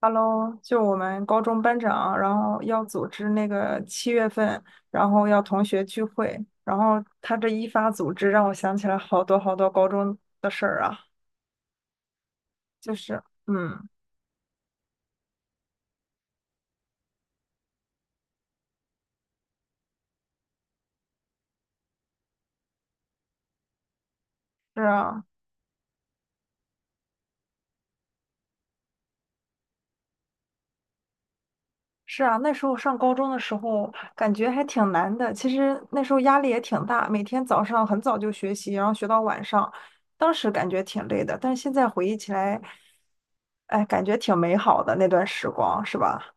Hello，就我们高中班长，然后要组织那个7月份，然后要同学聚会，然后他这一发组织，让我想起来好多好多高中的事儿啊，就是，嗯，是啊，是啊，那时候上高中的时候，感觉还挺难的，其实那时候压力也挺大，每天早上很早就学习，然后学到晚上，当时感觉挺累的，但是现在回忆起来，哎，感觉挺美好的那段时光，是吧？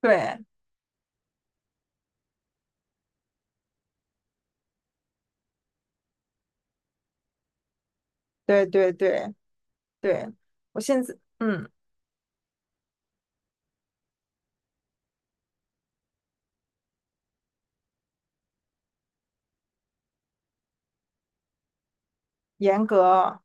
对，对对对。对，我现在，嗯，严格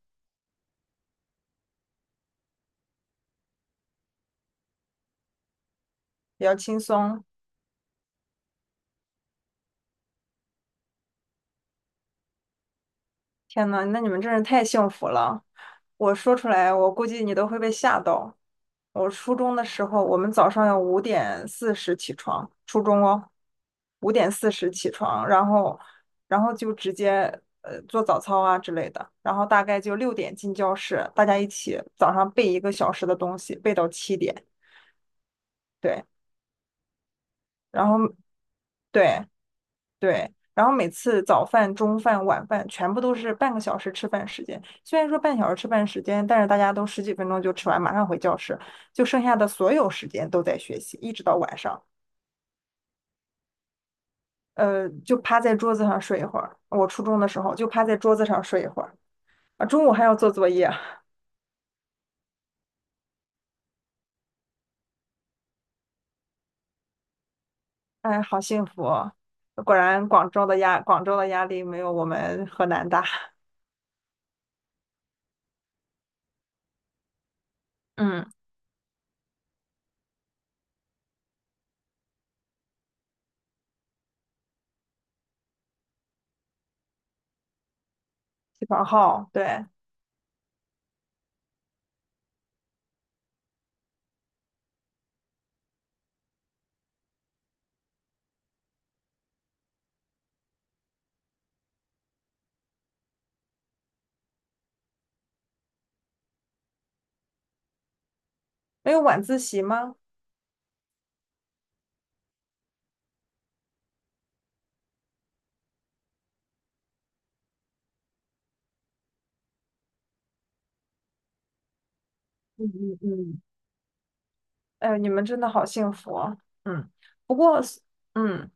比较轻松。天呐，那你们真是太幸福了！我说出来，我估计你都会被吓到。我初中的时候，我们早上要五点四十起床，初中哦，五点四十起床，然后就直接做早操啊之类的，然后大概就6点进教室，大家一起早上背1个小时的东西，背到7点，对，然后对。对，然后每次早饭、中饭、晚饭全部都是半个小时吃饭时间。虽然说半小时吃饭时间，但是大家都十几分钟就吃完，马上回教室，就剩下的所有时间都在学习，一直到晚上。就趴在桌子上睡一会儿。我初中的时候就趴在桌子上睡一会儿啊，中午还要做作业，哎，好幸福哦果然广州的压力没有我们河南大。嗯，起床号，对，没有晚自习吗？嗯嗯嗯，哎，你们真的好幸福啊嗯，不过，嗯，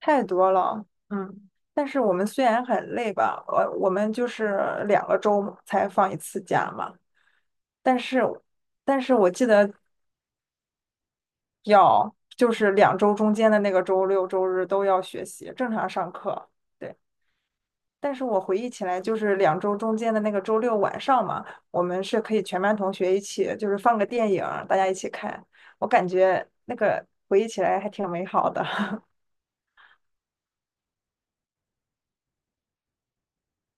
太多了，嗯。但是我们虽然很累吧，我们就是2个周才放一次假嘛。但是，但是我记得就是两周中间的那个周六周日都要学习，正常上课。对，但是我回忆起来，就是两周中间的那个周六晚上嘛，我们是可以全班同学一起，就是放个电影，大家一起看。我感觉那个回忆起来还挺美好的。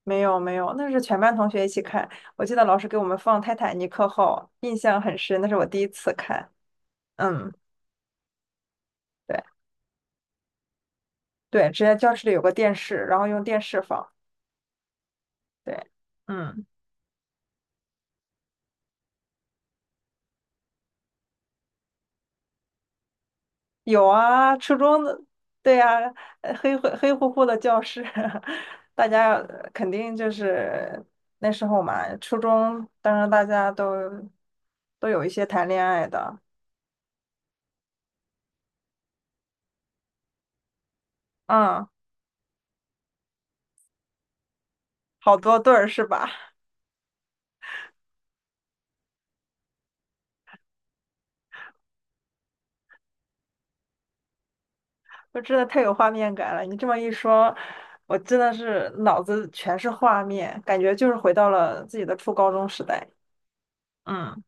没有没有，那是全班同学一起看。我记得老师给我们放《泰坦尼克号》，印象很深，那是我第一次看。嗯，对对，之前教室里有个电视，然后用电视放。对，嗯，有啊，初中的，对呀、黑乎乎的教室，大家肯定就是那时候嘛，初中，当然大家都有一些谈恋爱的，嗯，好多对儿是吧？就真的太有画面感了。你这么一说，我真的是脑子全是画面，感觉就是回到了自己的初高中时代。嗯，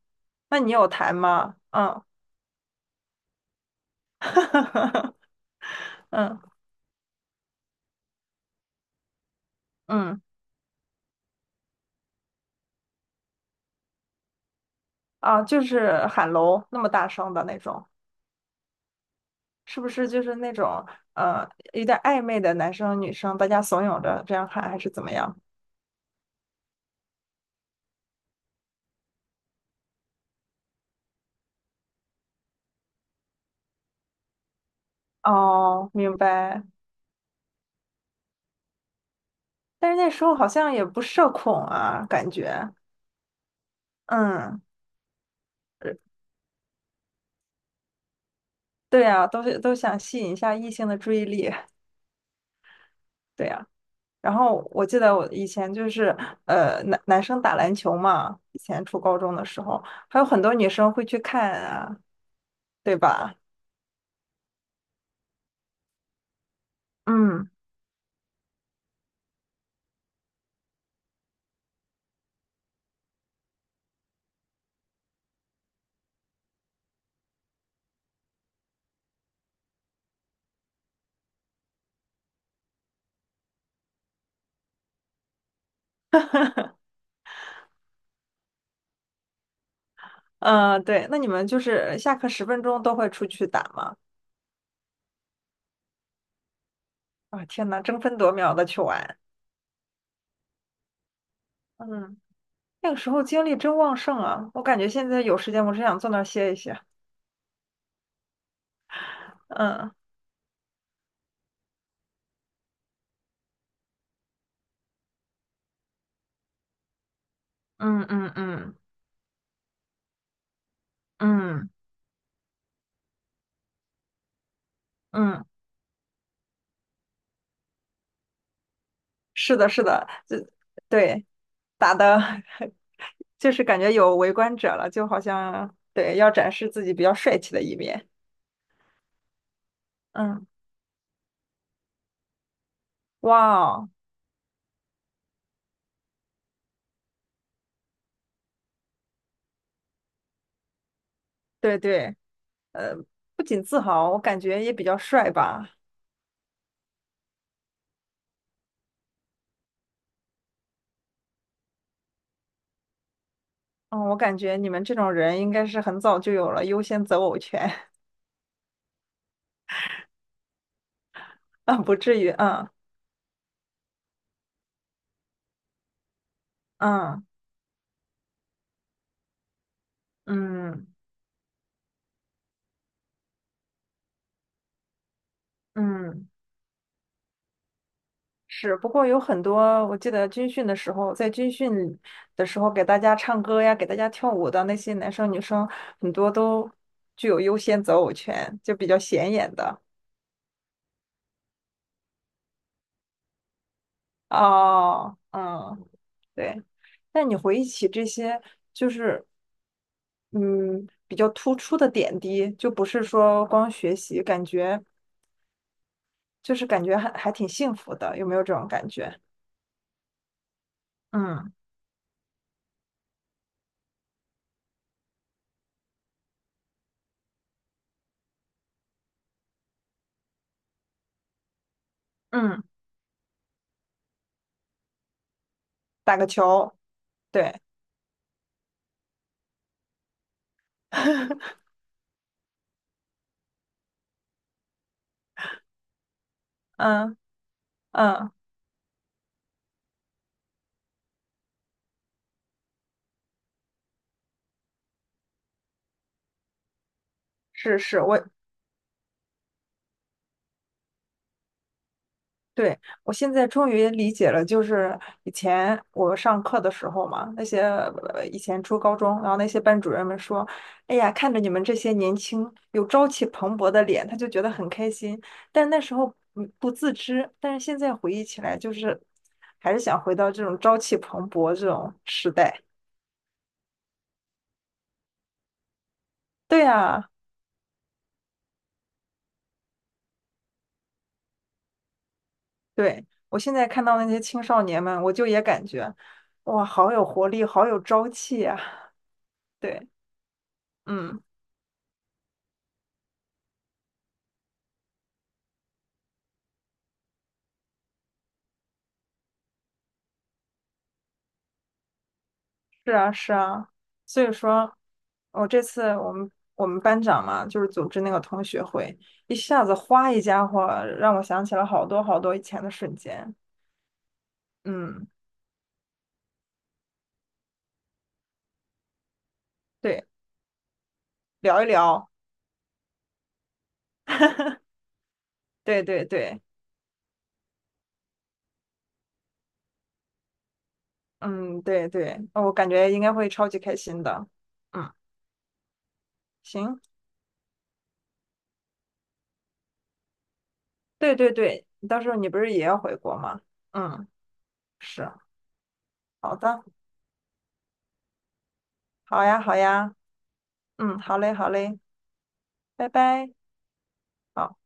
那你有弹吗？嗯，嗯嗯啊，就是喊楼那么大声的那种，是不是就是那种呃有点暧昧的男生女生，大家怂恿着这样喊，还是怎么样？哦，明白。但是那时候好像也不社恐啊，感觉嗯。对呀，都想吸引一下异性的注意力，对呀。然后我记得我以前就是，男生打篮球嘛，以前初高中的时候，还有很多女生会去看啊，对吧？嗯嗯，对。那你们就是下课10分钟都会出去打吗？啊，天呐，争分夺秒的去玩，嗯，那个时候精力真旺盛啊！我感觉现在有时间，我只想坐那儿歇一歇。嗯嗯嗯嗯嗯嗯，是的，是的，就对。打的，就是感觉有围观者了，就好像对要展示自己比较帅气的一面。嗯，哇哦，对对，呃，不仅自豪，我感觉也比较帅吧。嗯，我感觉你们这种人应该是很早就有了优先择偶权 啊，不至于。嗯嗯嗯嗯。是，不过有很多，我记得军训的时候，在军训的时候给大家唱歌呀，给大家跳舞的那些男生女生，很多都具有优先择偶权，就比较显眼的。哦，嗯，对。但你回忆起这些，就是嗯，比较突出的点滴，就不是说光学习，感觉就是感觉还挺幸福的，有没有这种感觉？嗯嗯，打个球，对，嗯嗯。是是，对，我现在终于理解了，就是以前我上课的时候嘛，那些以前初高中，然后那些班主任们说，哎呀，看着你们这些年轻有朝气蓬勃的脸，他就觉得很开心。但那时候不自知，但是现在回忆起来，就是还是想回到这种朝气蓬勃这种时代。对啊，对，我现在看到那些青少年们，我就也感觉，哇，好有活力，好有朝气啊。对，嗯。是啊，是啊，所以说，我这次我们班长嘛，就是组织那个同学会，一下子哗一家伙，让我想起了好多好多以前的瞬间。嗯，对，聊一聊，对对对，嗯，对对，哦我感觉应该会超级开心的。嗯，行，对对对，到时候你不是也要回国吗？嗯，是，好的，好呀，好呀，嗯，好嘞，好嘞，拜拜。好。